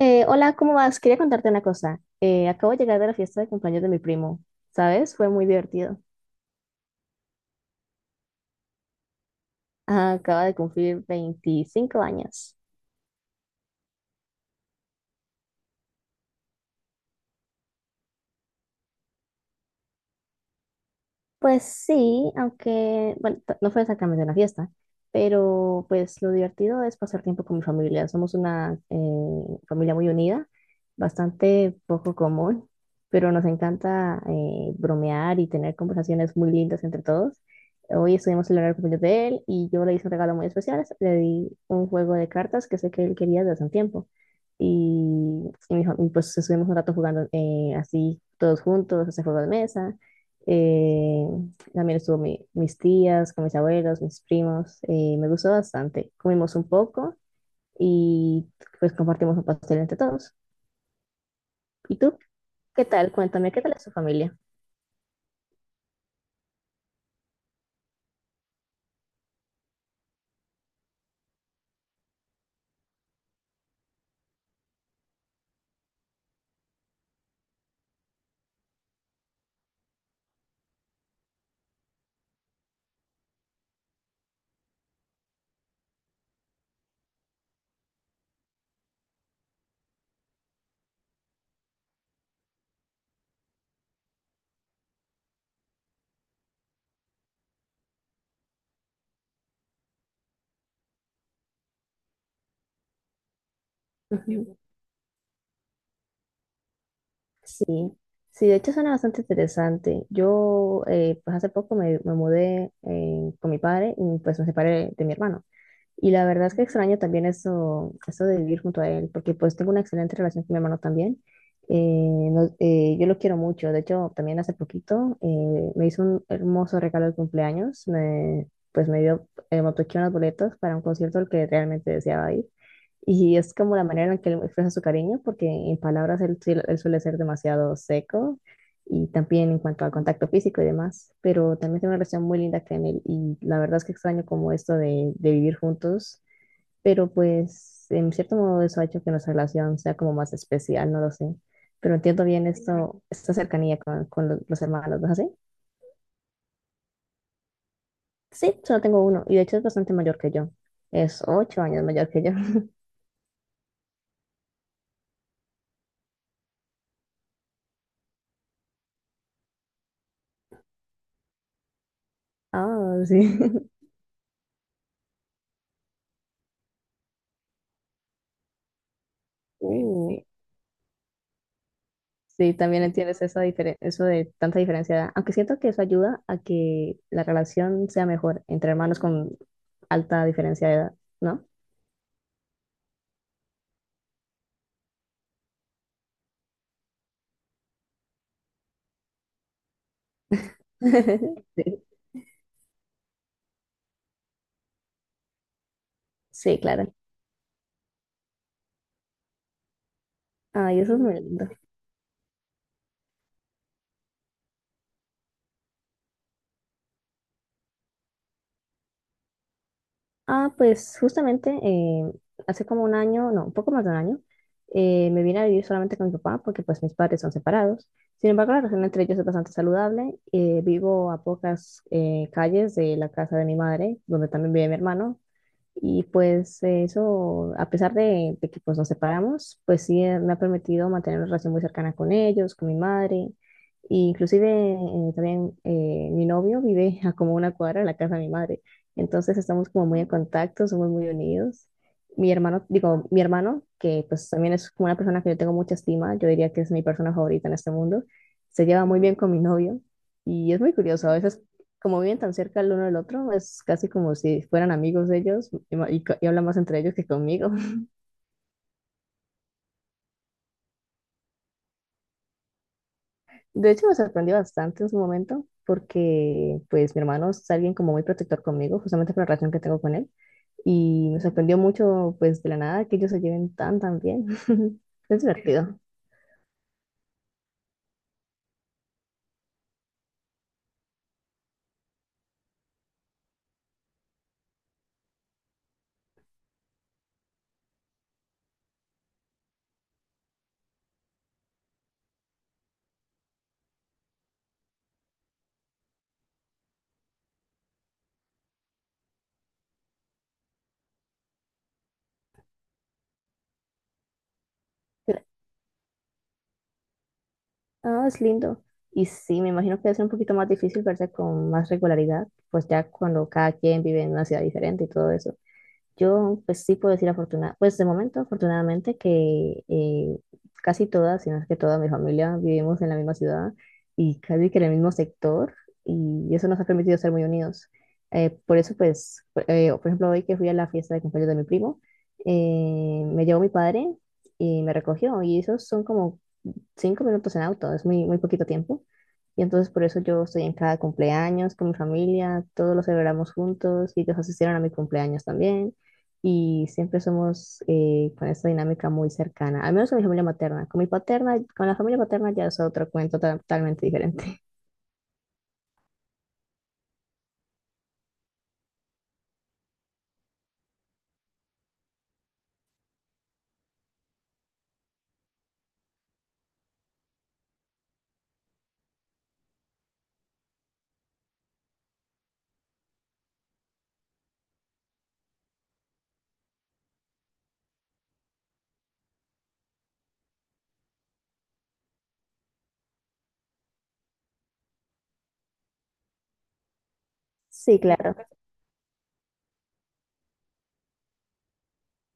Hola, ¿cómo vas? Quería contarte una cosa. Acabo de llegar de la fiesta de cumpleaños de mi primo, ¿sabes? Fue muy divertido. Ah, acaba de cumplir 25 años. Pues sí, aunque, bueno, no fue exactamente una fiesta, pero pues lo divertido es pasar tiempo con mi familia. Somos una familia muy unida, bastante poco común, pero nos encanta bromear y tener conversaciones muy lindas entre todos. Hoy estuvimos celebrando el cumpleaños de él y yo le hice un regalo muy especial. Le di un juego de cartas que sé que él quería desde hace un tiempo. Pues estuvimos un rato jugando así todos juntos, ese juego de mesa. Eh, También estuvo mis tías, con mis abuelos, mis primos. Me gustó bastante. Comimos un poco y pues compartimos un pastel entre todos. ¿Y tú? ¿Qué tal? Cuéntame, ¿qué tal es tu familia? Ujú. Sí, sí, de hecho suena bastante interesante. Pues hace poco me mudé con mi padre y pues me separé de mi hermano. Y la verdad es que extraño también eso de vivir junto a él, porque pues tengo una excelente relación con mi hermano también. Yo lo quiero mucho, de hecho también hace poquito me hizo un hermoso regalo de cumpleaños, pues me dio, me obsequió unas boletas para un concierto al que realmente deseaba ir. Y es como la manera en que él expresa su cariño, porque en palabras él, suele ser demasiado seco y también en cuanto al contacto físico y demás, pero también tengo una relación muy linda con él y la verdad es que extraño como esto de vivir juntos, pero pues en cierto modo eso ha hecho que nuestra relación sea como más especial, no lo sé, pero entiendo bien esto, esta cercanía con los hermanos, ¿no es así? Sí, solo tengo uno y de hecho es bastante mayor que yo, es 8 años mayor que yo. Ah, sí. Uh, Sí, también entiendes esa eso de tanta diferencia de edad. Aunque siento que eso ayuda a que la relación sea mejor entre hermanos con alta diferencia de edad, ¿no? Sí, sí, claro. Ay, eso es muy lindo. Ah, pues justamente hace como un año, no, un poco más de un año, me vine a vivir solamente con mi papá porque pues mis padres son separados. Sin embargo, la relación entre ellos es bastante saludable. Vivo a pocas calles de la casa de mi madre, donde también vive mi hermano. Y pues eso, a pesar de que pues nos separamos, pues sí me ha permitido mantener una relación muy cercana con ellos, con mi madre. E inclusive también mi novio vive a como una cuadra de la casa de mi madre. Entonces estamos como muy en contacto, somos muy unidos. Mi hermano, que pues también es como una persona que yo tengo mucha estima, yo diría que es mi persona favorita en este mundo, se lleva muy bien con mi novio. Y es muy curioso, a veces como viven tan cerca el uno del otro, es casi como si fueran amigos de ellos y hablan más entre ellos que conmigo. De hecho, me sorprendió bastante en su momento porque pues mi hermano es alguien como muy protector conmigo, justamente por la relación que tengo con él. Y me sorprendió mucho pues de la nada que ellos se lleven tan tan bien. Es divertido. Pero- Ah, es lindo. Y sí, me imagino que va a ser un poquito más difícil verse con más regularidad, pues ya cuando cada quien vive en una ciudad diferente y todo eso. Yo, pues sí puedo decir afortunada, pues de momento, afortunadamente, que casi todas, si no es que toda mi familia, vivimos en la misma ciudad y casi que en el mismo sector, y eso nos ha permitido ser muy unidos. Por eso, pues, por Por ejemplo, hoy que fui a la fiesta de cumpleaños de mi primo, me llevó mi padre y me recogió, y esos son como 5 minutos en auto, es muy, muy poquito tiempo. Y entonces por eso yo estoy en cada cumpleaños con mi familia, todos lo celebramos juntos y ellos asistieron a mi cumpleaños también. Y siempre somos con esta dinámica muy cercana, al menos con mi familia materna. Con mi paterna, con la familia paterna ya es otro cuento totalmente diferente. Sí, claro.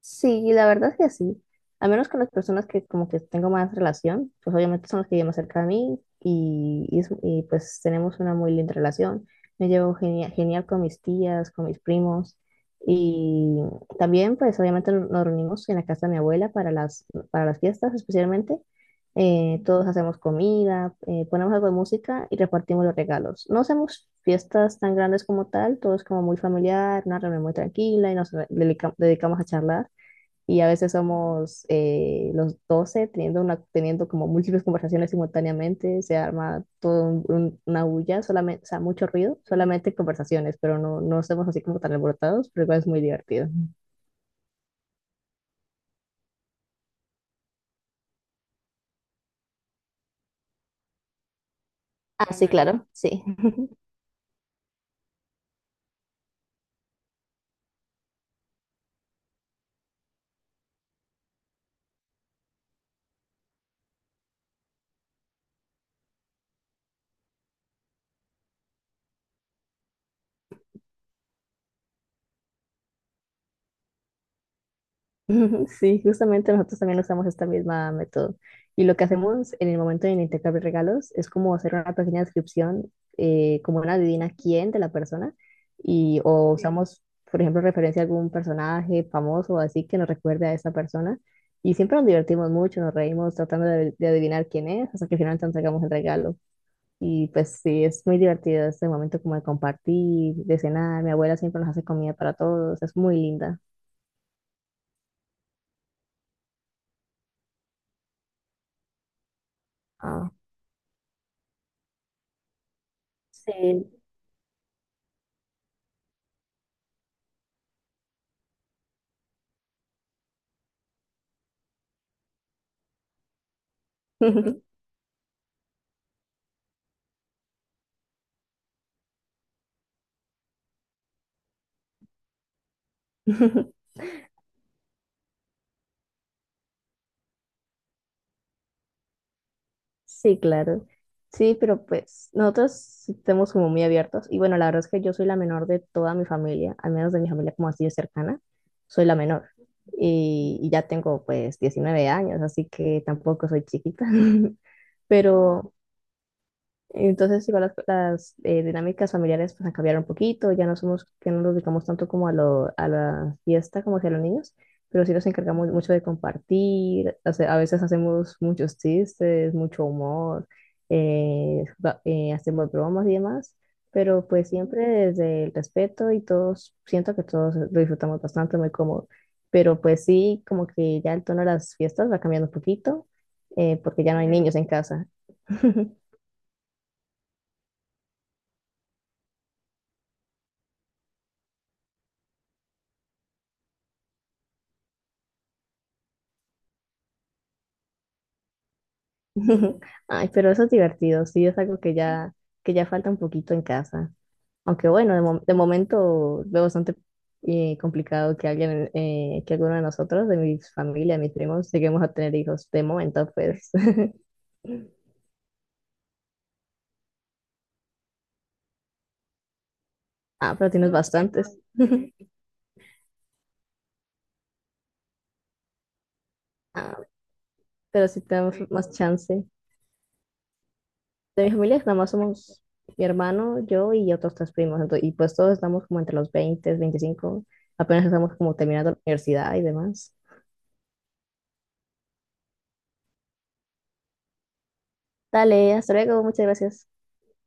Sí, la verdad es que sí. Al menos con las personas que como que tengo más relación, pues obviamente son los que viven más cerca de mí pues tenemos una muy linda relación. Me llevo genial con mis tías, con mis primos y también pues obviamente nos reunimos en la casa de mi abuela para para las fiestas especialmente. Todos hacemos comida, ponemos algo de música y repartimos los regalos. No hacemos fiestas tan grandes como tal, todo es como muy familiar, una reunión muy tranquila y nos dedicamos a charlar y a veces somos los 12 teniendo, teniendo como múltiples conversaciones simultáneamente, se arma todo una bulla, solamente, o sea, mucho ruido, solamente conversaciones, pero no, no somos así como tan alborotados, pero igual es muy divertido. Ah, sí, claro, sí. Sí, justamente nosotros también usamos esta misma método. Y lo que hacemos en el momento del intercambio de regalos es como hacer una pequeña descripción, como una adivina quién de la persona, y o sí. Usamos, por ejemplo, referencia a algún personaje famoso o así que nos recuerde a esa persona. Y siempre nos divertimos mucho, nos reímos tratando de adivinar quién es, hasta que finalmente entregamos el regalo. Y pues sí, es muy divertido este momento como de compartir, de cenar. Mi abuela siempre nos hace comida para todos, es muy linda. Ah. Sí. Sí, claro. Sí, pero pues nosotros sí estamos como muy abiertos. Y bueno, la verdad es que yo soy la menor de toda mi familia, al menos de mi familia como así de cercana, soy la menor. Y ya tengo pues 19 años, así que tampoco soy chiquita. Pero, entonces, igual dinámicas familiares pues han cambiado un poquito, ya no somos, que no nos dedicamos tanto como a la fiesta como que a los niños, pero sí nos encargamos mucho de compartir, a veces hacemos muchos chistes, mucho humor, hacemos bromas y demás, pero pues siempre desde el respeto y todos, siento que todos lo disfrutamos bastante, muy cómodo, pero pues sí, como que ya el tono de las fiestas va cambiando un poquito, porque ya no hay niños en casa. Ay, pero eso es divertido, sí, es algo que ya falta un poquito en casa. Aunque bueno, de momento veo bastante complicado que alguien, que alguno de nosotros, de mi familia, mis primos, lleguemos a tener hijos. De momento, pues. Ah, pero tienes bastantes. Ah, pero sí tenemos más chance. De mi familia nada más somos mi hermano, yo y otros 3 primos. Y pues todos estamos como entre los 20, 25. Apenas estamos como terminando la universidad y demás. Dale, hasta luego, muchas gracias.